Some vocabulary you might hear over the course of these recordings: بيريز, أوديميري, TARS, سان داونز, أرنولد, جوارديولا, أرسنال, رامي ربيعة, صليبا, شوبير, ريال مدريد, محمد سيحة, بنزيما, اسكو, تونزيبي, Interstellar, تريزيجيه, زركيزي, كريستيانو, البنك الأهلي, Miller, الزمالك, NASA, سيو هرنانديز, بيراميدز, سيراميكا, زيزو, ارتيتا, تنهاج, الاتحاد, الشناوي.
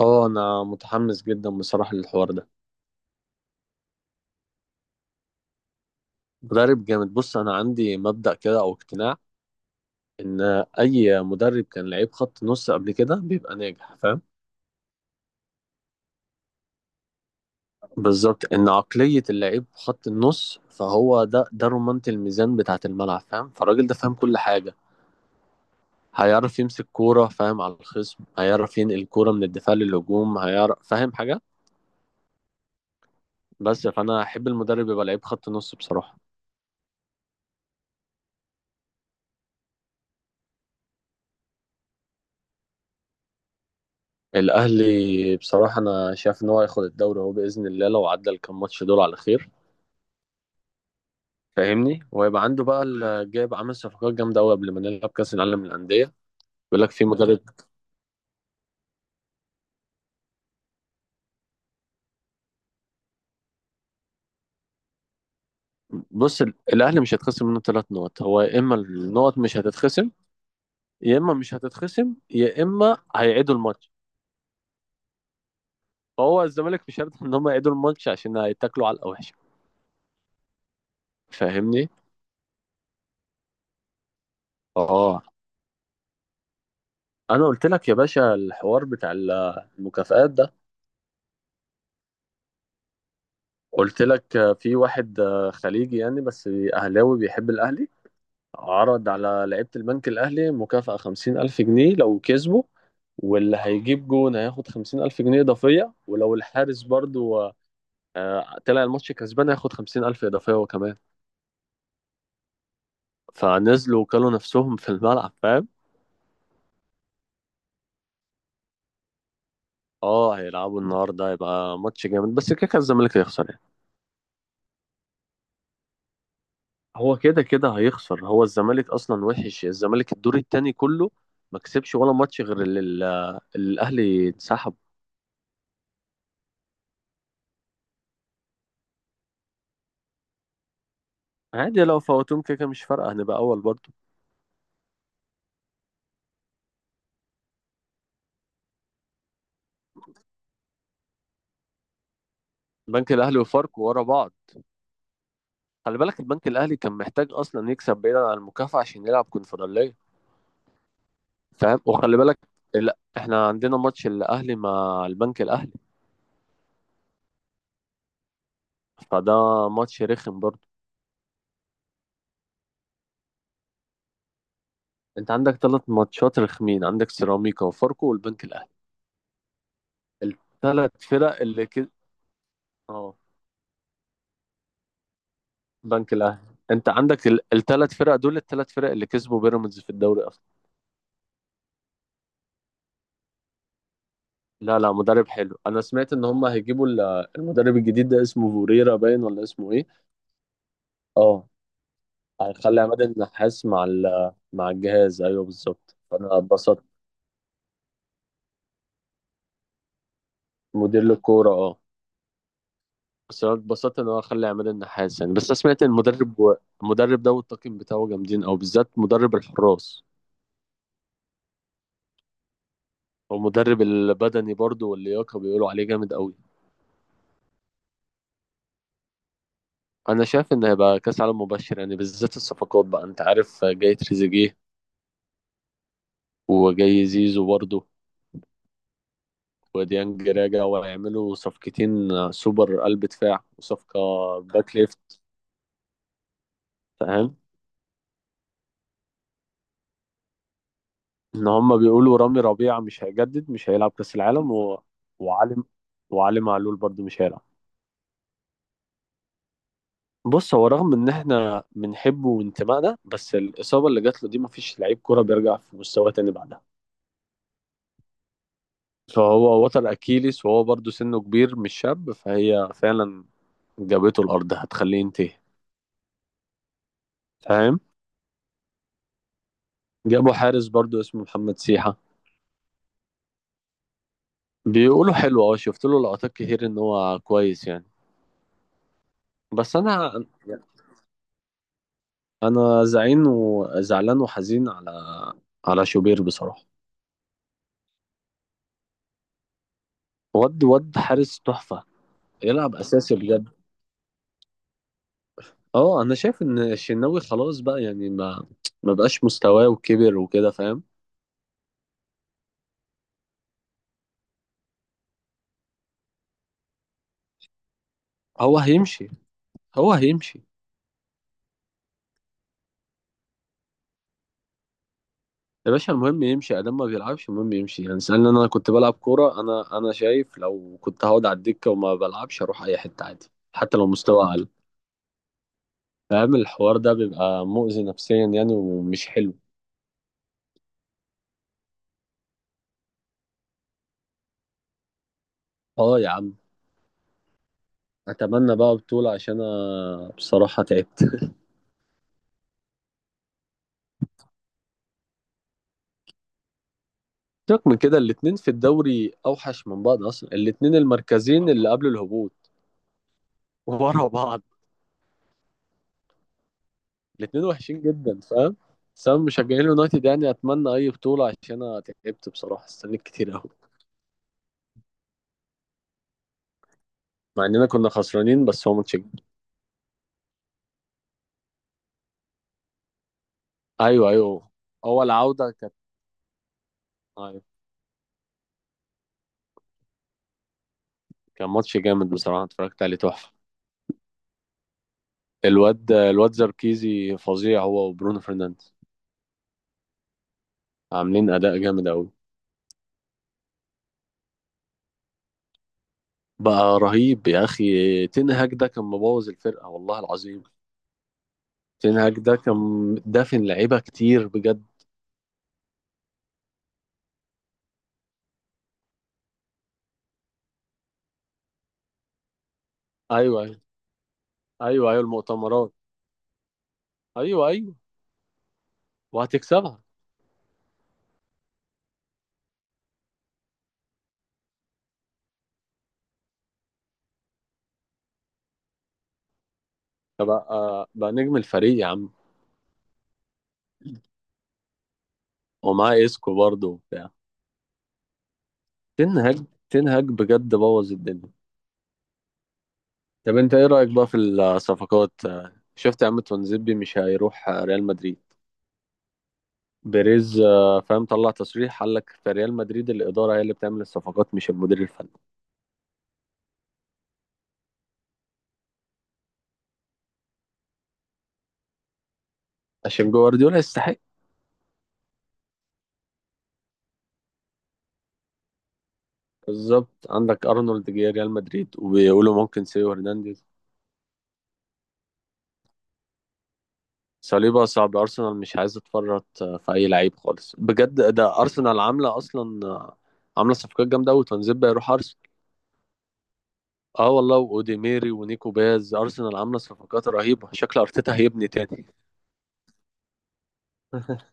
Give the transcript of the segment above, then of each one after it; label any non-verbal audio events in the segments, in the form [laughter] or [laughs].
اه، انا متحمس جدا بصراحة للحوار ده. مدرب جامد. بص، انا عندي مبدأ كده او اقتناع ان اي مدرب كان لعيب خط نص قبل كده بيبقى ناجح، فاهم. بالظبط، ان عقلية اللعيب خط النص، فهو ده رمانة الميزان بتاعة الملعب، فاهم. فالراجل ده فاهم كل حاجة، هيعرف يمسك كورة، فاهم على الخصم، هيعرف ينقل الكورة من الدفاع للهجوم، هيعرف فاهم حاجة. بس فانا احب المدرب يبقى لعيب خط نص بصراحة. الاهلي بصراحه انا شايف ان هو هياخد الدوري اهو باذن الله، لو عدى الكام ماتش دول على خير، فاهمني، وهيبقى عنده بقى جايب عامل صفقات جامده قوي قبل ما نلعب كاس العالم للانديه. بيقول لك في مدرب. بص، الاهلي مش هيتخصم منه 3 نقط، هو يا اما النقط مش هتتخصم، يا اما مش هتتخصم، يا اما هيعيدوا الماتش. فهو الزمالك مش هيرضى ان هم يعيدوا الماتش عشان هيتاكلوا على الوحشه، فاهمني. اه، انا قلت لك يا باشا الحوار بتاع المكافآت ده. قلت لك في واحد خليجي يعني، بس أهلاوي بيحب الأهلي، عرض على لعيبة البنك الأهلي مكافأة 50,000 جنيه لو كسبوا، واللي هيجيب جون هياخد 50,000 جنيه إضافية، ولو الحارس برضو طلع الماتش كسبان هياخد 50,000 إضافية وكمان. فنزلوا وكلوا نفسهم في الملعب، فاهم. اه، هيلعبوا النهارده، هيبقى ماتش جامد، بس كده كده الزمالك هيخسر يعني. هو كده كده هيخسر، هو الزمالك اصلا وحش، الزمالك الدور التاني كله ما كسبش ولا ماتش غير اللي الاهلي انسحب. عادي، لو فوتوهم كده كده مش فارقه، هنبقى اول برضه. البنك الاهلي وفاركو ورا بعض. خلي بالك البنك الاهلي كان محتاج اصلا يكسب بعيدا عن المكافاه عشان يلعب كونفدراليه، فاهم. وخلي بالك، لا احنا عندنا ماتش الاهلي مع البنك الاهلي، فده ماتش رخم برضه. انت عندك 3 ماتشات رخمين، عندك سيراميكا وفاركو والبنك الاهلي، الـ3 فرق اللي كده. اه، بنك الاهلي. انت عندك الـ3 فرق دول، الـ3 فرق اللي كسبوا بيراميدز في الدوري اصلا. لا لا، مدرب حلو. انا سمعت ان هم هيجيبوا المدرب الجديد ده، اسمه فوريرا باين، ولا اسمه ايه. اه، هيخلي عماد النحاس مع مع الجهاز، ايوه بالظبط، فانا اتبسطت. مدير للكوره، اه. بس انا اتبسطت ان هو خلى عماد النحاس يعني، بس انا سمعت ان المدرب ده والطاقم بتاعه جامدين، او بالذات مدرب الحراس، ومدرب البدني برضو واللياقه بيقولوا عليه جامد قوي. انا شايف ان هيبقى كاس عالم مبشر يعني، بالذات الصفقات بقى. انت عارف، جاي تريزيجيه، وجاي زيزو برضه، وديانج راجع، وهيعملوا صفقتين، سوبر قلب دفاع وصفقة باك ليفت، فاهم. ان هم بيقولوا رامي ربيعة مش هيجدد، مش هيلعب كاس العالم، وعلي وعلي معلول برضه مش هيلعب. بص، هو رغم ان احنا بنحبه وانتمائنا، بس الاصابة اللي جات له دي مفيش لعيب كرة بيرجع في مستواه تاني بعدها. فهو وتر اكيليس، وهو برضه سنه كبير مش شاب، فهي فعلا جابته الارض هتخليه ينتهي، فاهم. جابوا حارس برضو اسمه محمد سيحة، بيقولوا حلو، اه شفت له لقطات كتير ان هو كويس يعني. بس انا زعين وزعلان وحزين على على شوبير بصراحة. ود حارس تحفة، يلعب اساسي بجد. اه، انا شايف ان الشناوي خلاص بقى يعني، ما بقاش مستواه وكبر وكده، فاهم. هو هيمشي، هو هيمشي. يا باشا، المهم يمشي، ادام ما بيلعبش المهم يمشي يعني. سألني انا كنت بلعب كوره، انا شايف لو كنت هقعد على الدكه وما بلعبش اروح اي حته عادي، حتى لو مستوى اقل. فاهم الحوار ده بيبقى مؤذي نفسيا يعني ومش حلو. اه يا عم، اتمنى بقى بطوله عشان انا بصراحه تعبت. سيبك من كده، الاتنين في الدوري اوحش من بعض اصلا، الاتنين المركزين اللي قبل الهبوط ورا بعض، الاتنين وحشين جدا، فاهم. بس انا مشجعين اليونايتد يعني، اتمنى اي بطوله عشان انا تعبت بصراحه، استنيت كتير قوي. مع اننا كنا خسرانين بس هو ماتش جامد. ايوه، ايوه، اول عودة كانت. ايوه، كان ماتش جامد بصراحة، اتفرجت عليه تحفة. الواد زركيزي فظيع، هو وبرونو فرنانديز، عاملين اداء جامد قوي. بقى رهيب يا اخي، تنهاج ده كان مبوظ الفرقة والله العظيم. تنهاج ده كان دافن لعيبة كتير بجد. ايوه، ايوه. ايوه، ايوه، المؤتمرات. ايوه ايوه، وهتكسبها. فبقى بقى نجم الفريق يا عم. ومعاه اسكو برضه وبتاع. تنهاج، تنهاج بجد بوظ الدنيا. طب، انت ايه رأيك بقى في الصفقات؟ شفت يا عم، تونزيبي مش هيروح ريال مدريد. بيريز، فاهم، طلع تصريح قال لك في ريال مدريد الإدارة هي اللي بتعمل الصفقات مش المدير الفني. عشان جوارديولا يستحق. بالظبط، عندك أرنولد جه ريال مدريد، وبيقولوا ممكن سيو هرنانديز. صليبا صعب، أرسنال مش عايز تفرط في أي لعيب خالص بجد، ده أرسنال عاملة أصلا، عاملة صفقات جامدة أوي. تونزيبي هيروح أرسنال. اه والله، واوديميري ونيكو باز، ارسنال عامله صفقات رهيبه، شكل ارتيتا هيبني تاني. [laughs]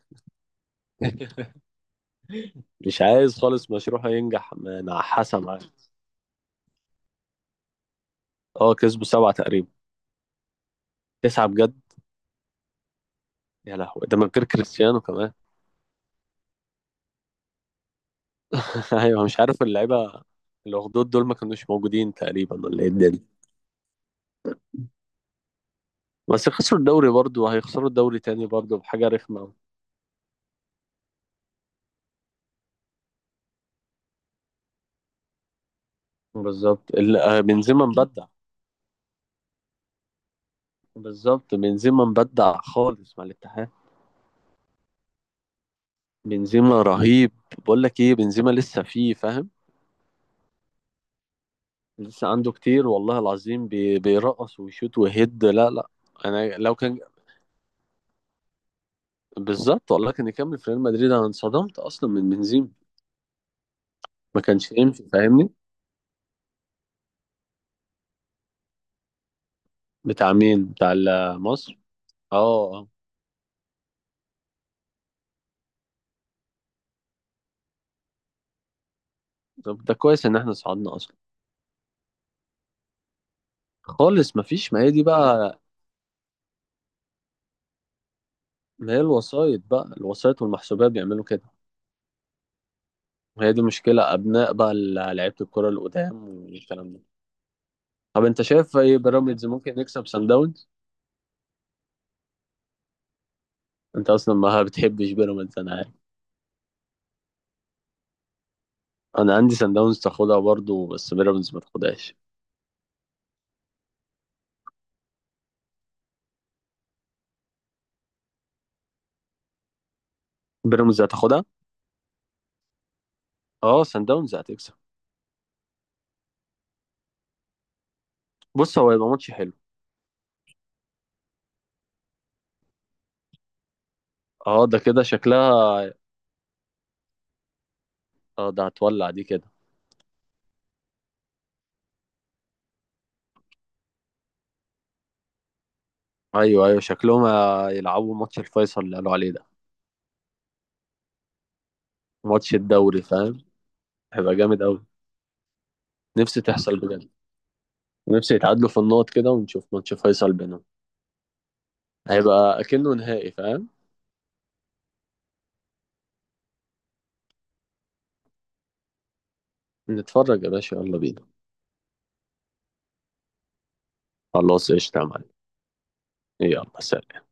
مش عايز خالص مشروعه ينجح مع حسن عادي. اه، كسبوا 7 تقريبا. 9 بجد. يا لهوي، ده من غير كريستيانو كمان. [laughs] ايوه، مش عارف اللعيبة. الأخدود دول ما كانوش موجودين تقريبا، ولا ايه الدنيا. بس خسروا الدوري برضه، وهيخسروا الدوري تاني برضه بحاجة رخمة أوي. بالظبط، بنزيما مبدع. بالظبط بنزيما مبدع خالص مع الاتحاد. بنزيما رهيب. بقول لك ايه، بنزيما لسه فيه فاهم. لسه عنده كتير والله العظيم، بيرقص ويشوت ويهد. لا لا، انا لو كان، بالظبط، والله كان يكمل في ريال مدريد، انا انصدمت اصلا من بنزيما، ما كانش يمشي، فاهمني. بتاع مين، بتاع مصر؟ اه، اه. طب ده كويس ان احنا صعدنا اصلا. خالص، ما فيش، ما هي دي بقى. ما هي الوسايط بقى، الوسايط والمحسوبيه بيعملوا كده. وهي دي مشكله، ابناء بقى لعيبه الكره القدام والكلام ده. طب، انت شايف ايه، بيراميدز ممكن يكسب سان داونز؟ انت اصلا ما بتحبش بيراميدز انا عارف. انا عندي سان داونز تاخدها برضو، بس بيراميدز ما تاخدهاش. بيراميدز هتاخدها. اه، سان داونز هتكسب. بص، هو يبقى ماتش حلو. اه، ده كده شكلها. اه، ده هتولع دي كده. ايوه ايوه، شكلهم يلعبوا ماتش الفيصل اللي قالوا عليه ده، ماتش الدوري، فاهم. هيبقى جامد قوي. نفسي تحصل بجد، نفسي يتعادلوا في النقط كده، ونشوف ماتش فيصل بينهم، هيبقى اكنه نهائي، فاهم. نتفرج يا باشا، يلا بينا. خلاص قشطة يا معلم. يلا، سلام.